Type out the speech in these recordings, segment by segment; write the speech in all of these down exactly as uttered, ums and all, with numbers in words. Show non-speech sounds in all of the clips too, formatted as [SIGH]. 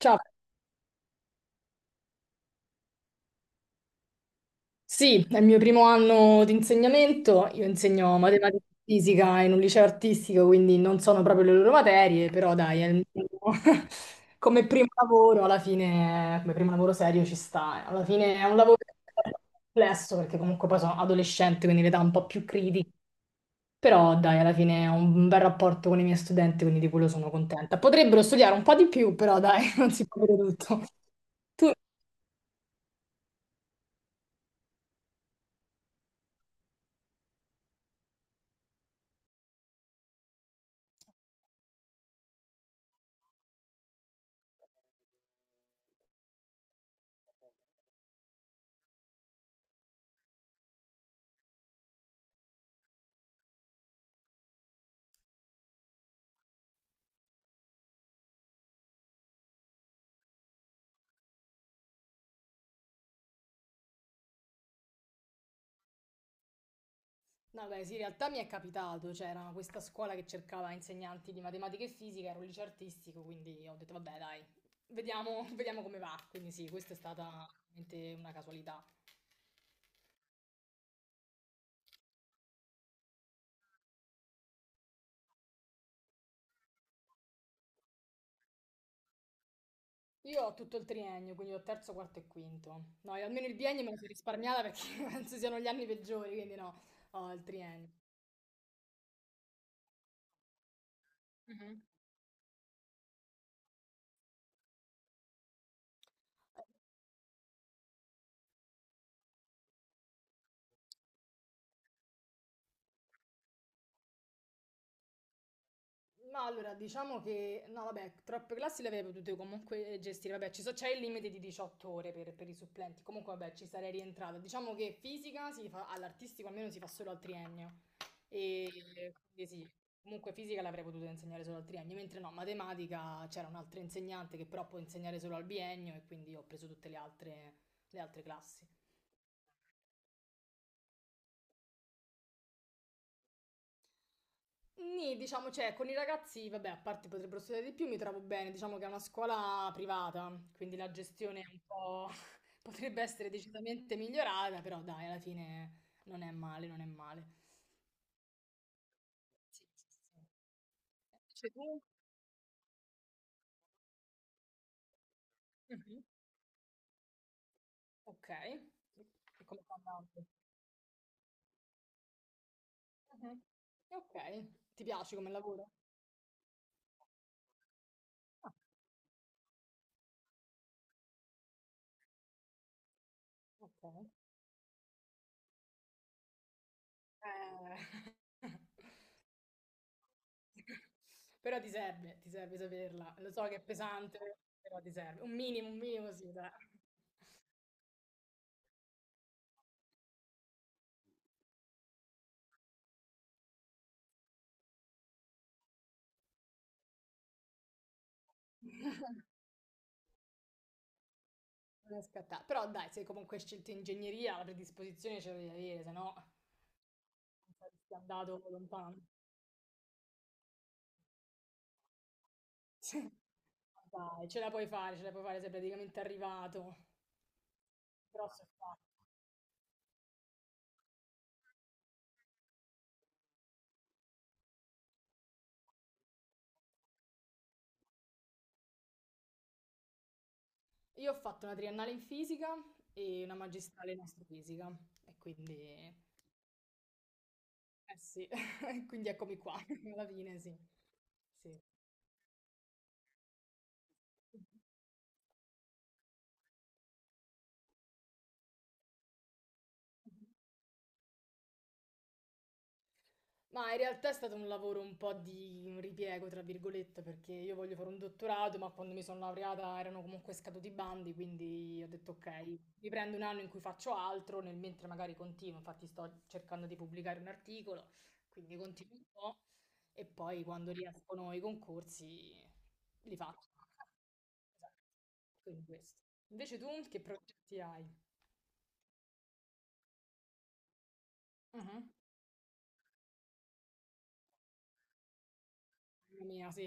Ciao, sì, è il mio primo anno di insegnamento, io insegno matematica e fisica in un liceo artistico, quindi non sono proprio le loro materie, però dai, è il mio- [LAUGHS] come primo lavoro, alla fine, come primo lavoro serio ci sta, alla fine è un lavoro complesso perché comunque poi sono adolescente, quindi l'età è un po' più critica, però dai, alla fine ho un bel rapporto con i miei studenti, quindi di quello sono contenta. Potrebbero studiare un po' di più, però dai, [LAUGHS] non si può dire tutto. Tu? No, beh, sì, in realtà mi è capitato, c'era questa scuola che cercava insegnanti di matematica e fisica, ero un liceo artistico, quindi ho detto, vabbè, dai, vediamo, [LAUGHS] vediamo come va. Quindi sì, questa è stata veramente una casualità. Io ho tutto il triennio, quindi ho terzo, quarto e quinto. No, io almeno il biennio me lo sono risparmiata perché [LAUGHS] penso siano gli anni peggiori, quindi no, ho il triennio. Mhm. No, allora, diciamo che... No, vabbè, troppe classi le avrei potute comunque eh, gestire. Vabbè, ci so- c'è il limite di diciotto ore per, per i supplenti. Comunque, vabbè, ci sarei rientrata. Diciamo che fisica si fa... all'artistico almeno si fa solo al triennio. E quindi sì, comunque fisica l'avrei potuta insegnare solo al triennio. Mentre no, matematica c'era un'altra insegnante che però può insegnare solo al biennio e quindi ho preso tutte le altre, le altre classi. Nì, diciamo, cioè, con i ragazzi, vabbè, a parte potrebbero studiare di più, mi trovo bene, diciamo che è una scuola privata, quindi la gestione è un po' [LAUGHS] potrebbe essere decisamente migliorata, però dai, alla fine non è male, non è male. Sì, sì, sì. Cioè, tu? Mhm. Ok. E come fa andando? Mhm. Ok. Ti piace come lavoro? Ah, ok. Eh. [LAUGHS] Però ti serve, ti serve saperla. Lo so che è pesante, però ti serve. Un minimo, un minimo sì, dai. [LAUGHS] Non è scattato. Però dai, se comunque hai scelto ingegneria, la predisposizione ce la devi avere, se no non saresti andato lontano. [LAUGHS] Dai, ce la puoi fare, ce la puoi fare, sei praticamente arrivato. Però so fare. Io ho fatto una triennale in fisica e una magistrale in astrofisica. E quindi, eh sì, [LAUGHS] quindi eccomi qua, [LAUGHS] alla fine sì. Sì. Ma in realtà è stato un lavoro un po' di un ripiego, tra virgolette, perché io voglio fare un dottorato, ma quando mi sono laureata erano comunque scaduti i bandi, quindi ho detto ok, mi prendo un anno in cui faccio altro, nel mentre magari continuo, infatti sto cercando di pubblicare un articolo, quindi continuo un po' e poi quando riescono i concorsi li faccio. Esatto, quindi questo. Invece tu che progetti hai? Mhm, mamma mia, sì.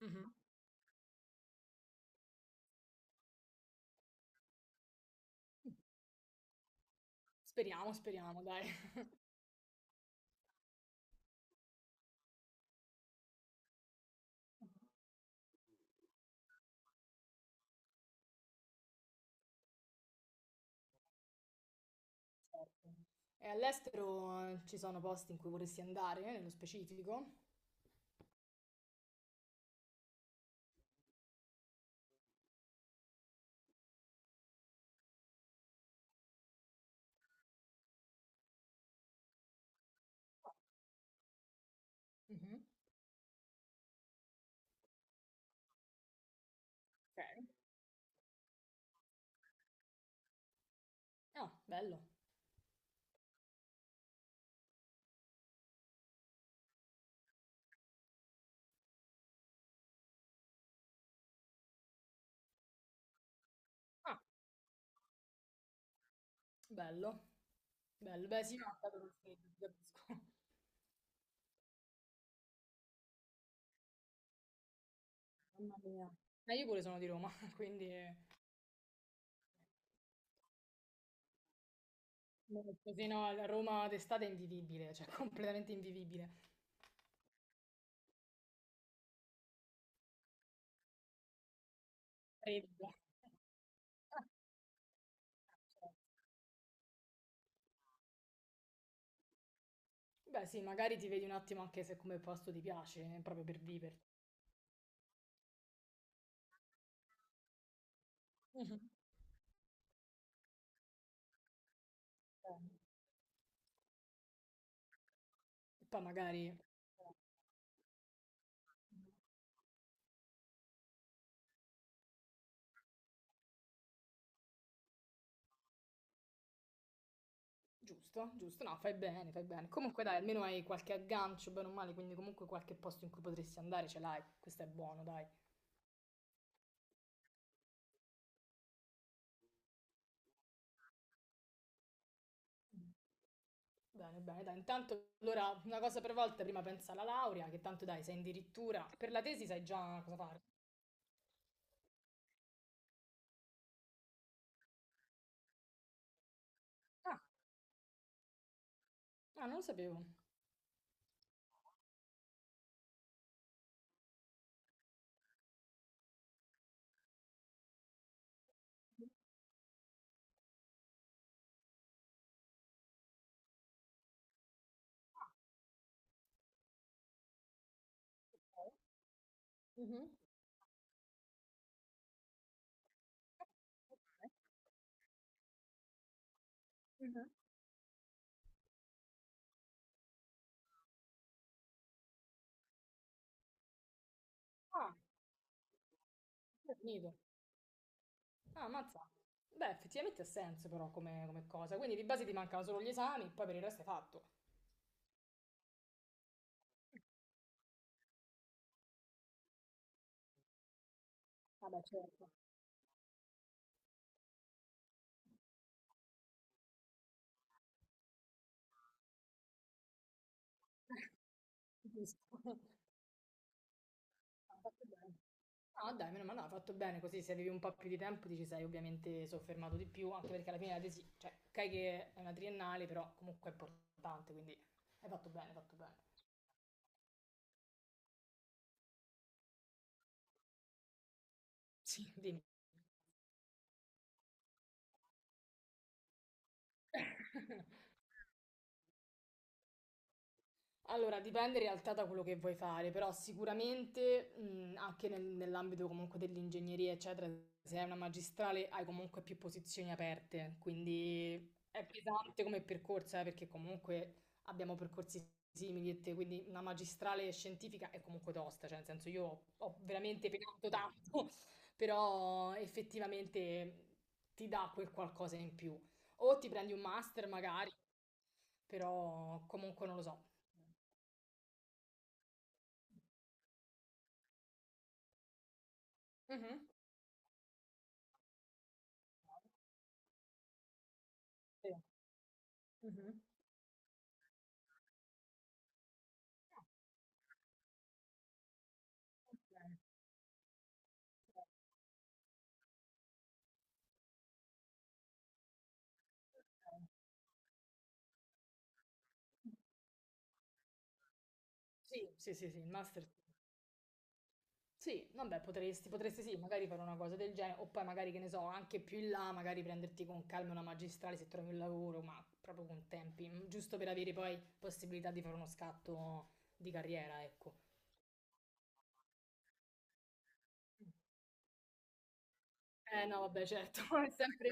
Mhm. Speriamo, speriamo, dai. Certo. E all'estero eh, ci sono posti in cui vorresti andare, nello specifico? Mhm, ok. Ah, bello, ah, bello, bello. Beh, sì, no, ah, è stato per freddo, ti capisco. Mamma mia. Ma io pure sono di Roma, [LAUGHS] quindi eh, così no, a Roma d'estate è invivibile, cioè [LAUGHS] completamente invivibile. Freddo. [LAUGHS] Beh, sì, magari ti vedi un attimo anche se come posto ti piace, eh, proprio per viverti. Mhm. Eh, e poi magari... Giusto, giusto, no, fai bene, fai bene. Comunque dai, almeno hai qualche aggancio, bene o male, quindi comunque qualche posto in cui potresti andare ce l'hai. Questo è buono, dai. Bene, bene, dai. Intanto, allora, una cosa per volta, prima pensa alla laurea, che tanto dai, sei addirittura... Per la tesi sai già cosa fare. Ah, ah, non lo sapevo. Mhm. Mhm. Ah, è finito. Ah, mazza. Beh, effettivamente ha senso però come, come cosa. Quindi di base ti mancano solo gli esami, poi per il resto è fatto. Vabbè, certo, capisco. [LAUGHS] Ah, fatto bene. No, dai, meno male, no, hai fatto bene così, se avevi un po' più di tempo ti ci sei ovviamente soffermato di più, anche perché alla fine la tesi, cioè, ok che è una triennale, però comunque è importante, quindi hai fatto bene, hai fatto bene. Sì. Dimmi. [LAUGHS] Allora, dipende in realtà da quello che vuoi fare, però sicuramente mh, anche nel- nell'ambito comunque dell'ingegneria, eccetera, se hai una magistrale hai comunque più posizioni aperte, quindi è pesante come percorso, eh, perché comunque abbiamo percorsi simili e te, quindi una magistrale scientifica è comunque tosta, cioè nel senso io ho, ho veramente penato tanto, [LAUGHS] però effettivamente ti dà quel qualcosa in più. O ti prendi un master magari, però comunque non lo so. Mh-mh. Sì. Mh-mh. Okay, okay. Sì, sì, sì, sì, il master sì. Sì, vabbè potresti potresti sì, magari fare una cosa del genere, o poi magari che ne so, anche più in là, magari prenderti con calma una magistrale se trovi un lavoro, ma proprio con tempi, mhmm, giusto per avere poi possibilità di fare uno scatto di carriera, ecco. Mh. Eh no, vabbè certo, [LAUGHS] è sempre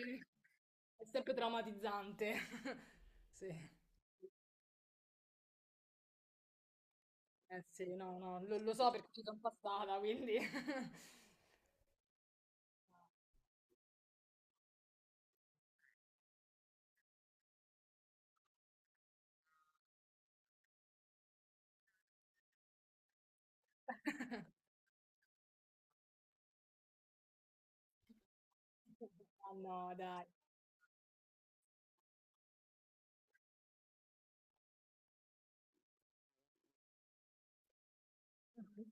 è sempre traumatizzante. [LAUGHS] Sì, eh sì, no, no, lo lo so perché ci son passata, quindi. [LAUGHS] Ma no, dai. [LAUGHS] Mh-mh.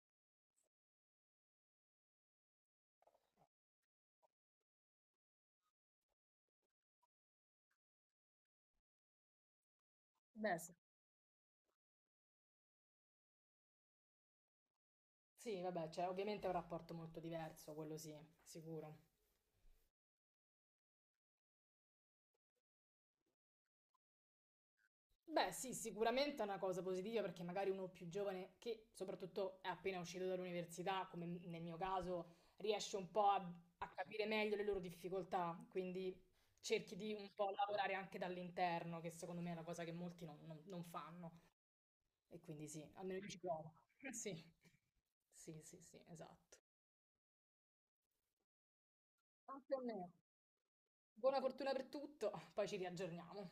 Beh, s- sì, vabbè, cioè, ovviamente è un rapporto molto diverso, quello sì, sicuro. Beh, sì, sicuramente è una cosa positiva perché magari uno più giovane, che soprattutto è appena uscito dall'università, come nel mio caso, riesce un po' a, a capire meglio le loro difficoltà, quindi cerchi di un po' lavorare anche dall'interno, che secondo me è una cosa che molti non, non- non fanno. E quindi sì, almeno io ci provo. [LAUGHS] Sì, sì, sì, sì, esatto. Anche a me. Buona fortuna per tutto, poi ci riaggiorniamo.